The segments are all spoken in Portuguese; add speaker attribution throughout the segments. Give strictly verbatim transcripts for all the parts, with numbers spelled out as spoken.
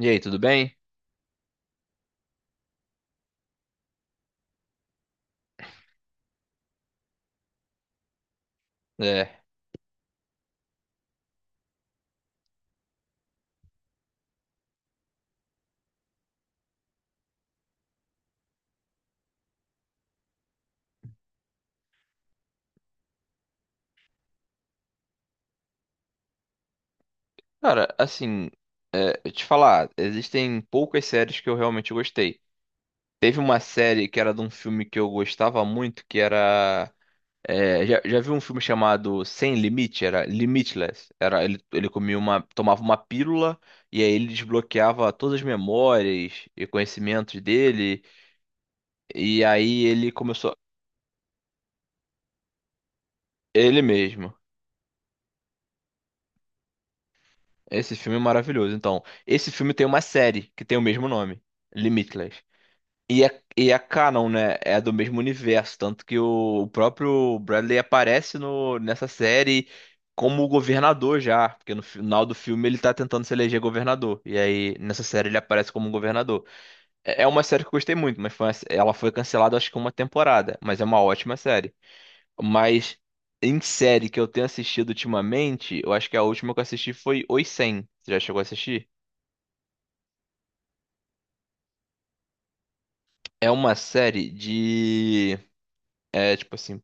Speaker 1: E aí, tudo bem? É, cara, assim, é, eu te falar, existem poucas séries que eu realmente gostei. Teve uma série que era de um filme que eu gostava muito, que era. é, já, já vi um filme chamado Sem Limite? Era Limitless. Era, ele, ele comia uma, tomava uma pílula e aí ele desbloqueava todas as memórias e conhecimentos dele. E aí ele começou. Ele mesmo. Esse filme é maravilhoso. Então, esse filme tem uma série que tem o mesmo nome, Limitless. E é, e é canon, né? É do mesmo universo. Tanto que o, o próprio Bradley aparece no, nessa série como o governador já. Porque no final do filme ele tá tentando se eleger governador. E aí nessa série ele aparece como um governador. É, é uma série que eu gostei muito, mas foi uma- ela foi cancelada acho que uma temporada. Mas é uma ótima série. Mas em série que eu tenho assistido ultimamente, eu acho que a última que eu assisti foi Oi cem. Você já chegou a assistir? É uma série de. É tipo assim.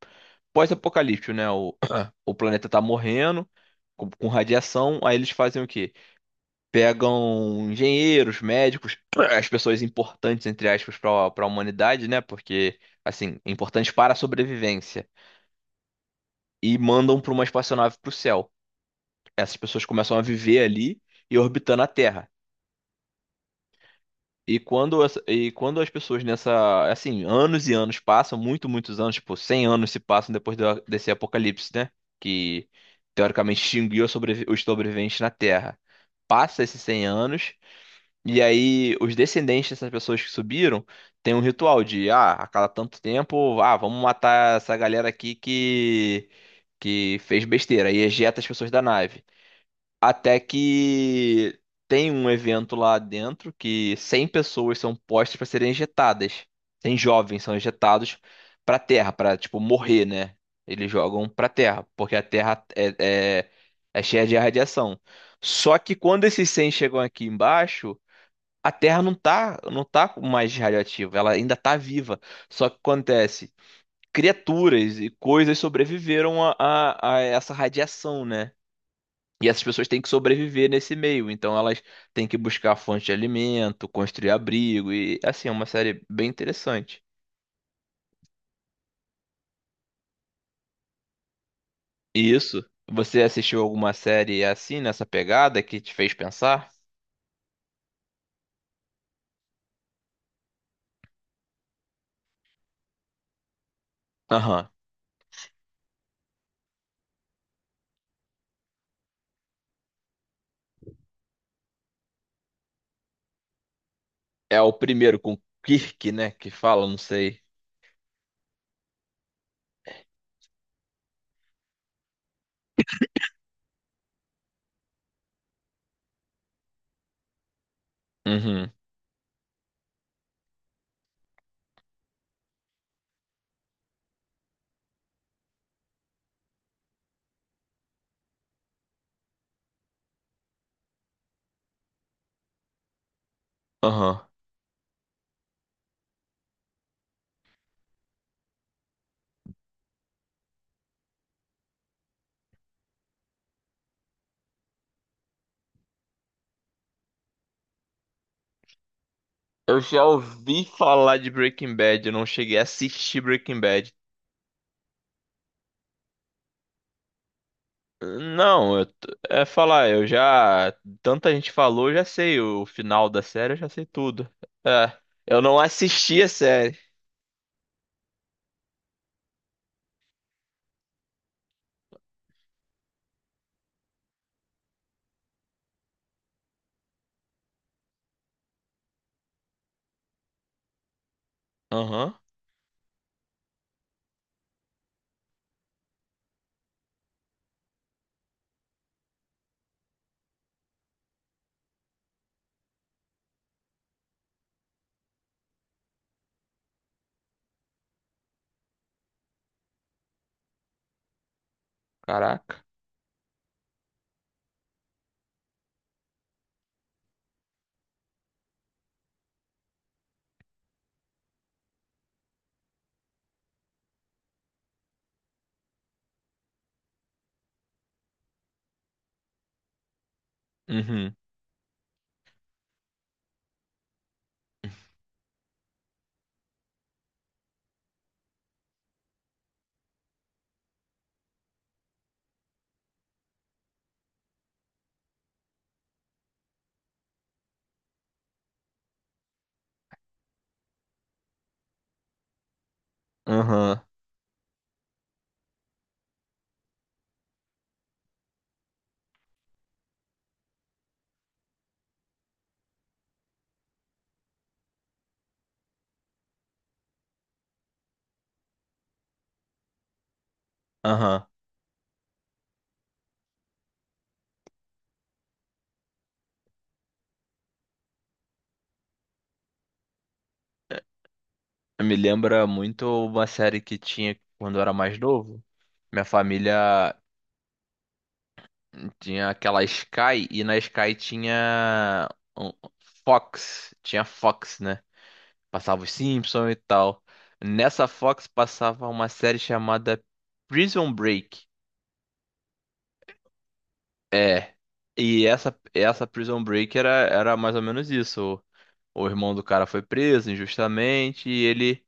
Speaker 1: Pós-apocalíptico, né? O, o planeta tá morrendo com, com radiação, aí eles fazem o quê? Pegam engenheiros, médicos, as pessoas importantes, entre aspas, para para a humanidade, né? Porque, assim, importantes para a sobrevivência. E mandam para uma espaçonave pro céu. Essas pessoas começam a viver ali e orbitando a Terra. E quando, as- e quando as pessoas nessa, assim, anos e anos passam, muito, muitos anos, tipo, cem anos se passam depois da- desse apocalipse, né? Que teoricamente extinguiu a sobrevi- os sobreviventes na Terra. Passa esses cem anos, e aí os descendentes dessas pessoas que subiram têm um ritual de, ah, a cada tanto tempo, ah, vamos matar essa galera aqui que, que fez besteira, e ejeta as pessoas da nave. Até que tem um evento lá dentro que cem pessoas são postas para serem injetadas. cem jovens são injetados para a Terra, para tipo morrer, né? Eles jogam para a Terra, porque a Terra é, é, é cheia de radiação. Só que quando esses cem chegam aqui embaixo, a Terra não tá, não tá mais radioativa, ela ainda tá viva. Só que acontece, criaturas e coisas sobreviveram a, a a essa radiação, né? E essas pessoas têm que sobreviver nesse meio, então elas têm que buscar fonte de alimento, construir abrigo e assim, é uma série bem interessante. E isso, você assistiu alguma série assim nessa pegada que te fez pensar? Aham. É o primeiro com Kirk, né, que fala, não sei. Uhum. Aham. Eu já ouvi falar de Breaking Bad, eu não cheguei a assistir Breaking Bad. Não, eu t- é falar, eu já. Tanta gente falou, eu já sei o final da série, eu já sei tudo. É, eu não assisti a série. Aham, caraca. Uhum, aham, aham. Me lembra muito uma série que tinha quando eu era mais novo. Minha família tinha aquela Sky, e na Sky tinha um- Fox, tinha Fox, né? Passava os Simpsons e tal. Nessa Fox passava uma série chamada Prison Break. É. E essa, essa Prison Break era, era mais ou menos isso. O, o irmão do cara foi preso injustamente e ele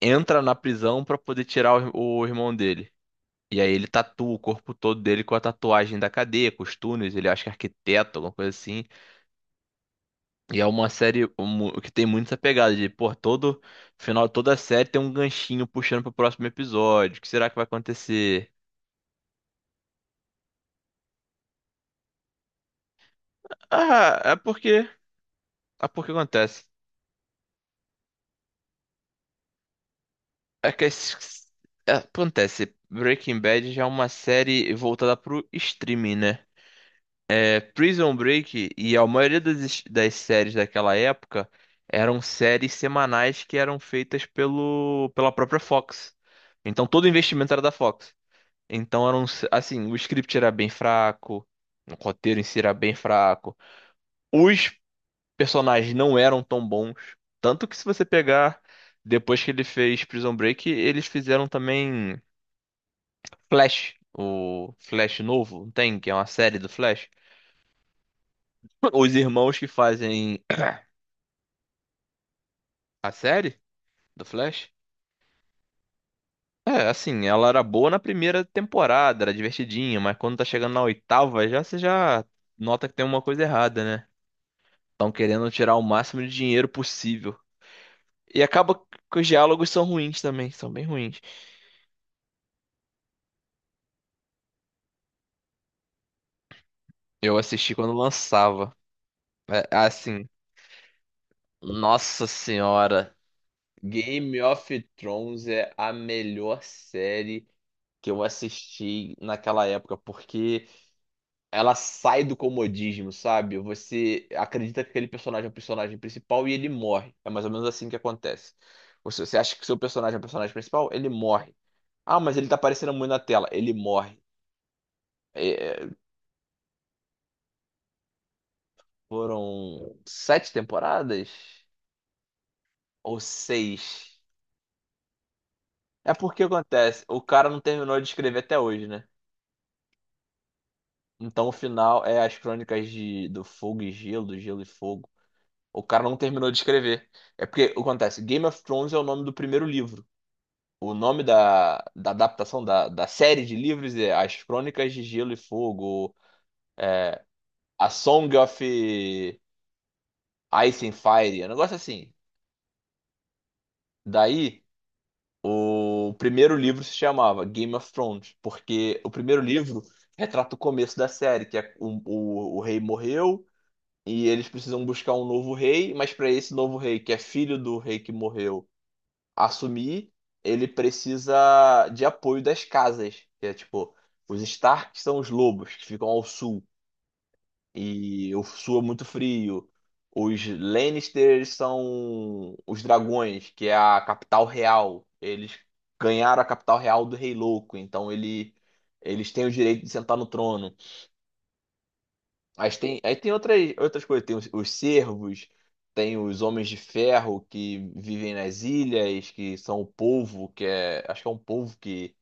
Speaker 1: entra na prisão pra poder tirar o, ir- o irmão dele. E aí ele tatua o corpo todo dele com a tatuagem da cadeia, com os túneis, ele acha que é arquiteto, alguma coisa assim. E é uma série mu- que tem muito essa pegada de, pô, todo final, toda série tem um ganchinho puxando pro próximo episódio. O que será que vai acontecer? Ah, é porque. É porque acontece. É que esse- é, acontece. Breaking Bad já é uma série voltada pro streaming, né? É, Prison Break e a maioria das, es- das séries daquela época eram séries semanais que eram feitas pelo, pela própria Fox. Então todo o investimento era da Fox. Então eram, assim, o script era bem fraco, o roteiro em si era bem fraco. Os personagens não eram tão bons, tanto que se você pegar depois que ele fez Prison Break, eles fizeram também Flash, o Flash novo, não tem, que é uma série do Flash. Os irmãos que fazem a série do Flash. É, assim, ela era boa na primeira temporada, era divertidinha, mas quando tá chegando na oitava, já você já nota que tem uma coisa errada, né? Estão querendo tirar o máximo de dinheiro possível. E acaba que os diálogos são ruins também, são bem ruins. Eu assisti quando lançava. É, assim, nossa senhora, Game of Thrones é a melhor série que eu assisti naquela época, porque ela sai do comodismo, sabe? Você acredita que aquele personagem é o personagem principal e ele morre. É mais ou menos assim que acontece. Você, você acha que seu personagem é o personagem principal, ele morre. Ah, mas ele tá aparecendo muito na tela. Ele morre. É, é, Foram sete temporadas? Ou seis? É porque acontece, o cara não terminou de escrever até hoje, né? Então o final é as crônicas de, do fogo e gelo, do gelo e fogo. O cara não terminou de escrever. É porque acontece, Game of Thrones é o nome do primeiro livro. O nome da, da adaptação da, da série de livros é As Crônicas de Gelo e Fogo, A Song of Ice and Fire, é um negócio assim. Daí. O primeiro livro se chamava Game of Thrones, porque o primeiro livro retrata o começo da série, que é o, o, o rei morreu e eles precisam buscar um novo rei, mas para esse novo rei, que é filho do rei que morreu, assumir, ele precisa de apoio das casas, que é tipo, os Stark são os lobos que ficam ao sul e eu suo muito frio. Os Lannisters são os dragões, que é a capital real. Eles ganharam a capital real do Rei Louco, então ele, eles têm o direito de sentar no trono. Mas tem, aí tem outras, outras coisas, tem os, os servos, tem os homens de ferro que vivem nas ilhas, que são o povo, que é, acho que é um povo que,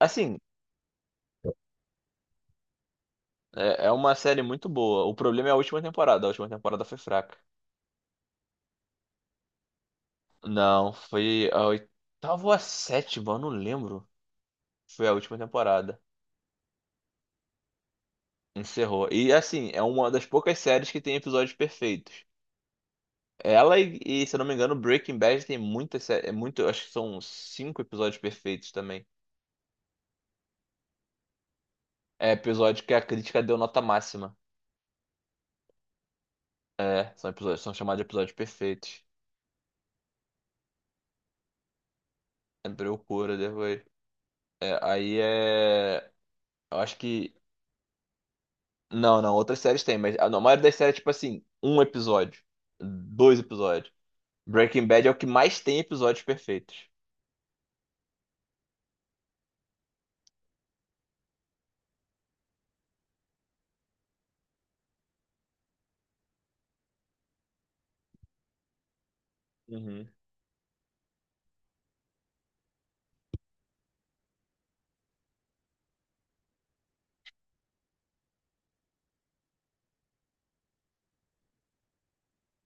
Speaker 1: assim, é, é uma série muito boa. O problema é a última temporada, a última temporada foi fraca. Não, foi a oitava ou a sétima, eu não lembro. Foi a última temporada. Encerrou. E assim, é uma das poucas séries que tem episódios perfeitos. Ela e, e, se eu não me engano, Breaking Bad tem muitas sé- é muito, acho que são cinco episódios perfeitos também. É episódio que a crítica deu nota máxima. É, são episódios, são chamados de episódios perfeitos. É loucura depois. É, aí é, eu acho que não, não, outras séries tem, mas a, a maioria das séries é tipo assim, um episódio, dois episódios. Breaking Bad é o que mais tem episódios perfeitos. Uhum.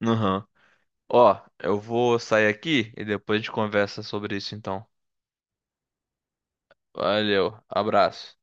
Speaker 1: Uhum. Ó, eu vou sair aqui e depois a gente conversa sobre isso então. Valeu, abraço.